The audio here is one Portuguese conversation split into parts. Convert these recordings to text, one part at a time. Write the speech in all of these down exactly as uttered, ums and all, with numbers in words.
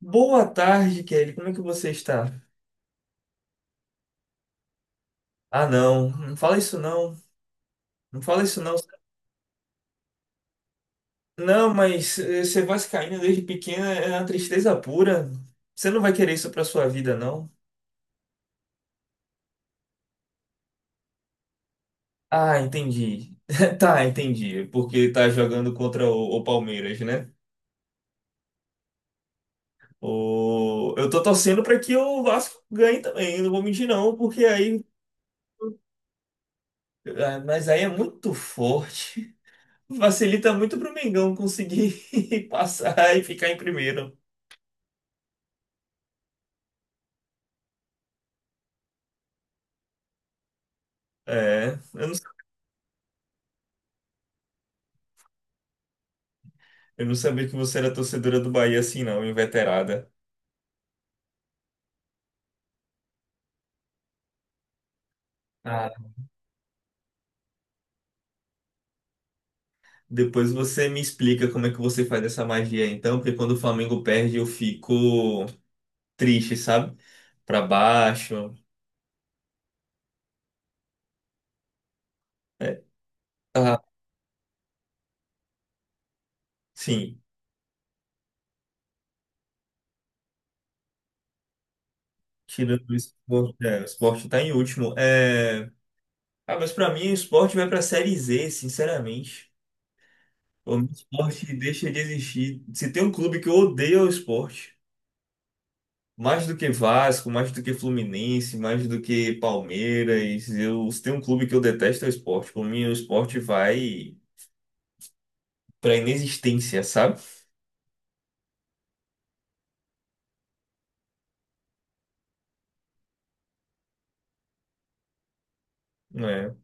Boa tarde, Kelly. Como é que você está? Ah, não. Não fala isso, não. Não fala isso, não. Não, mas eh, ser vascaíno desde pequena é uma tristeza pura. Você não vai querer isso pra sua vida, não? Ah, entendi. Tá, entendi. Porque tá jogando contra o, o Palmeiras, né? O... Eu tô torcendo pra que o Vasco ganhe também. Não vou mentir, não, porque aí. ah, Mas aí é muito forte. Facilita muito pro Mengão conseguir passar e ficar em primeiro. É. Eu não Eu não sabia que você era torcedora do Bahia assim, não, inveterada. Ah, depois você me explica como é que você faz essa magia, então, porque quando o Flamengo perde eu fico triste, sabe? Pra baixo. É, ah, sim, tirando o esporte, é, o esporte tá em último. É... Ah, mas pra mim o esporte vai pra Série Z, sinceramente. O esporte deixa de existir. Se tem um clube que eu odeio é o esporte. Mais do que Vasco, mais do que Fluminense, mais do que Palmeiras. Eu, se tem um clube que eu detesto é o esporte. Por mim, o esporte vai pra inexistência, sabe? É.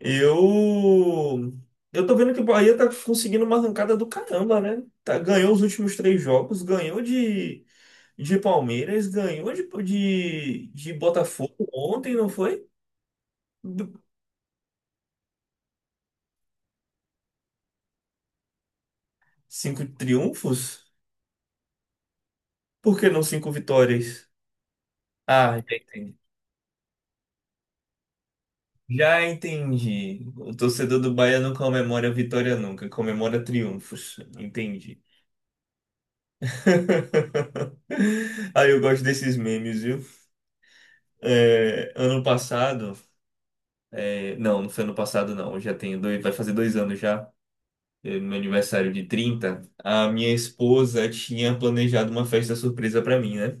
Eu. Eu tô vendo que o Bahia tá conseguindo uma arrancada do caramba, né? Tá, ganhou os últimos três jogos, ganhou de, de Palmeiras, ganhou de, de, de Botafogo ontem, não foi? Cinco triunfos? Por que não cinco vitórias? Ah, entendi. Já entendi. O torcedor do Bahia não comemora vitória nunca, comemora triunfos. Entendi. Aí eu gosto desses memes, viu? É, ano passado. É, não, não foi ano passado, não. Eu já tenho dois, vai fazer dois anos já. É, no meu aniversário de trinta, a minha esposa tinha planejado uma festa surpresa pra mim, né?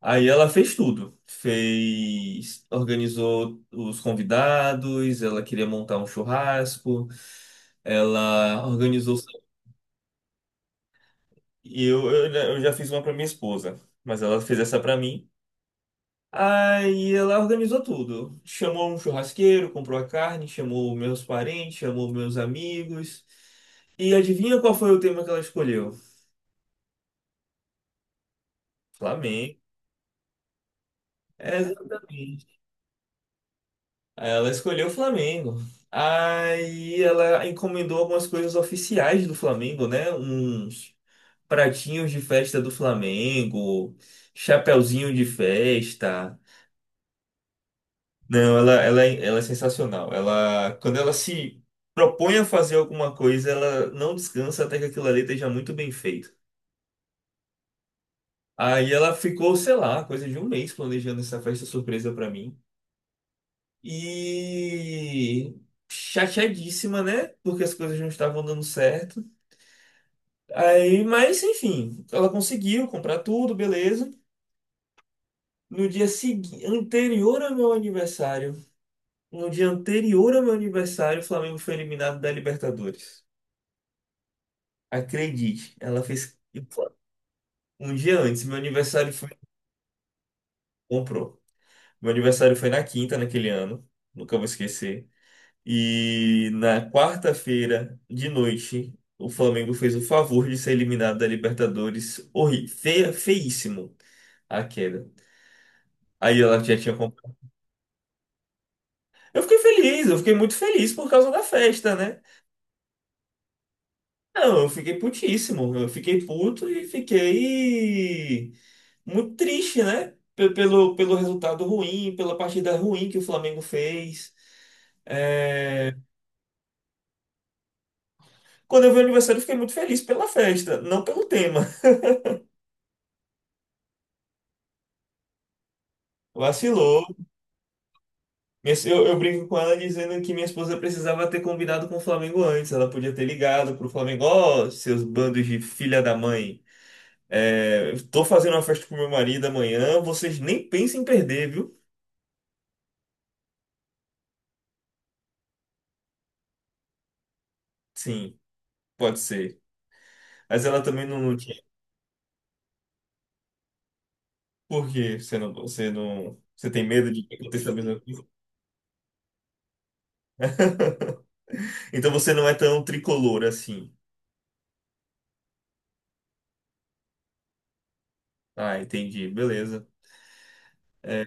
Aí ela fez tudo. Fez, organizou os convidados, ela queria montar um churrasco. Ela organizou e eu, eu, eu já fiz uma para minha esposa, mas ela fez essa para mim. Aí ela organizou tudo. Chamou um churrasqueiro, comprou a carne, chamou meus parentes, chamou meus amigos. E adivinha qual foi o tema que ela escolheu? Flamengo. Exatamente. Ela escolheu o Flamengo. Aí ela encomendou algumas coisas oficiais do Flamengo, né? Uns pratinhos de festa do Flamengo, chapeuzinho de festa. Não, ela, ela, é- ela é sensacional. Ela, quando ela se propõe a fazer alguma coisa, ela não descansa até que aquilo ali esteja muito bem feito. Aí ela ficou, sei lá, coisa de um mês planejando essa festa surpresa pra mim. E chateadíssima, né? Porque as coisas não estavam dando certo. Aí, mas enfim, ela conseguiu comprar tudo, beleza. No dia seguinte, anterior ao meu aniversário, no dia anterior ao meu aniversário, o Flamengo foi eliminado da Libertadores. Acredite, ela fez um dia antes. Meu aniversário foi. Comprou. Meu aniversário foi na quinta naquele ano. Nunca vou esquecer. E na quarta-feira de noite, o Flamengo fez o favor de ser eliminado da Libertadores. Horrível, feia, feíssimo a queda. Aí ela já tinha comprado. Eu fiquei feliz, eu fiquei muito feliz por causa da festa, né? Não, eu fiquei putíssimo. Eu fiquei puto e fiquei muito triste, né? Pe- Pelo, pelo resultado ruim, pela partida ruim que o Flamengo fez. É, quando eu vi o aniversário, eu fiquei muito feliz pela festa, não pelo tema. Vacilou. Minha se- Eu, eu brinco com ela dizendo que minha esposa precisava ter combinado com o Flamengo antes. Ela podia ter ligado pro Flamengo, ó, seus bandos de filha da mãe. É, tô fazendo uma festa pro meu marido amanhã, vocês nem pensem em perder, viu? Sim. Pode ser. Mas ela também não, não tinha. Por quê? Você não, você não. Você tem medo de que aconteça a mesma coisa? Então você não é tão tricolor assim. Ah, entendi. Beleza. É.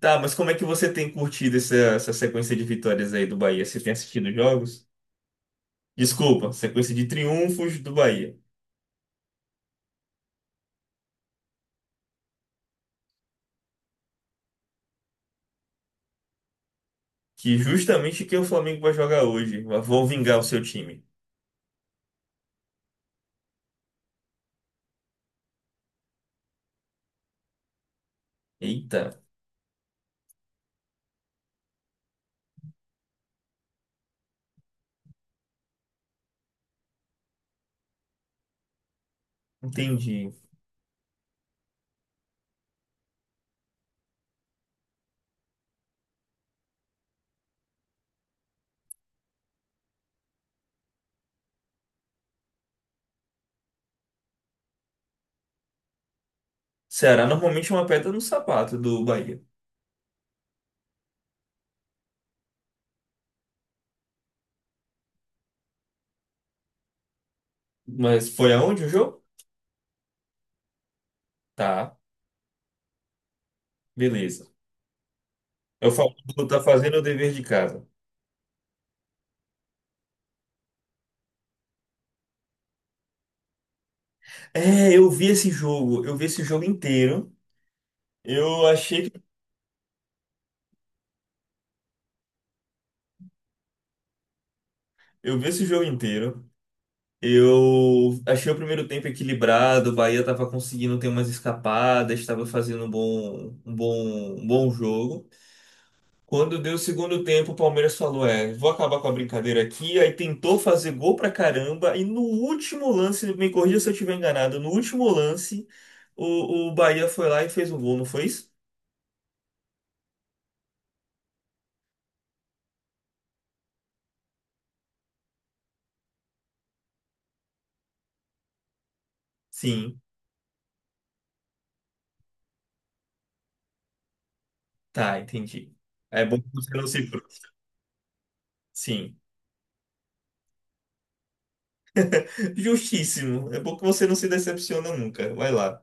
Tá, mas como é que você tem curtido essa, essa sequência de vitórias aí do Bahia? Você tem assistido jogos? Desculpa, sequência de triunfos do Bahia. Que justamente que o Flamengo vai jogar hoje. Vou vingar o seu time. Eita, entendi. Ceará normalmente é uma pedra no sapato do Bahia. Mas foi aonde o jogo? Tá, beleza. Eu falo, tá fazendo o dever de casa. É, eu vi esse jogo, eu vi esse jogo inteiro. Eu achei que Eu vi esse jogo inteiro. Eu achei o primeiro tempo equilibrado, o Bahia tava conseguindo ter umas escapadas, estava fazendo um bom, um bom, um bom jogo. Quando deu o segundo tempo, o Palmeiras falou: "É, vou acabar com a brincadeira aqui". Aí tentou fazer gol pra caramba e no último lance, me corrija se eu estiver enganado, no último lance, o, o Bahia foi lá e fez um gol, não foi isso? Sim. Tá, entendi. É bom que você não se. Frustra. Sim. Justíssimo. É bom que você não se decepciona nunca. Vai lá.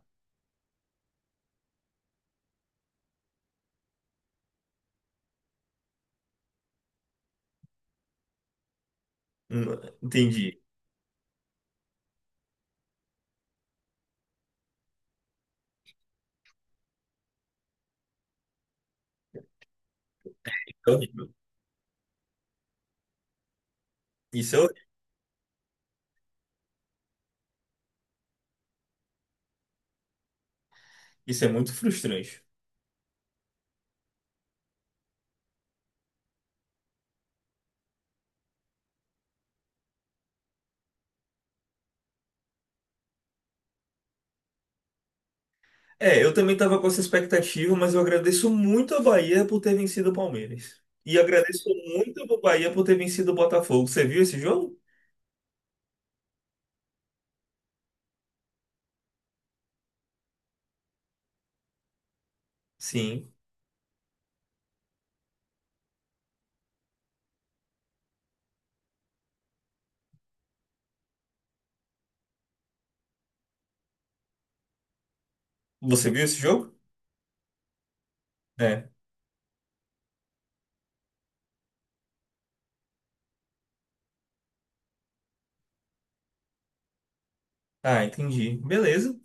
Hum. Entendi. É horrível. Isso é, horrível. Isso é muito frustrante. É, eu também estava com essa expectativa, mas eu agradeço muito a Bahia por ter vencido o Palmeiras. E agradeço muito ao Bahia por ter vencido o Botafogo. Você viu esse jogo? Sim. Você viu esse jogo? É. Ah, entendi. Beleza.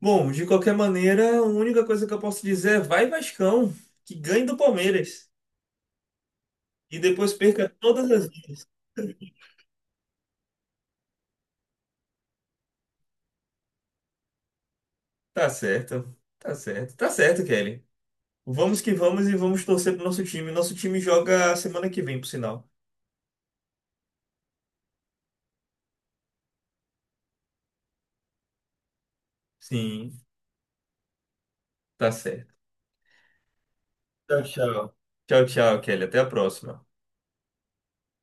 Bom, de qualquer maneira, a única coisa que eu posso dizer é vai Vascão, que ganhe do Palmeiras. E depois perca todas as vidas. Tá certo. Tá certo. Tá certo, Kelly. Vamos que vamos e vamos torcer pro nosso time. Nosso time joga semana que vem, por sinal. Sim, tá certo. Tchau, tchau. Tchau, tchau, Kelly. Até a próxima.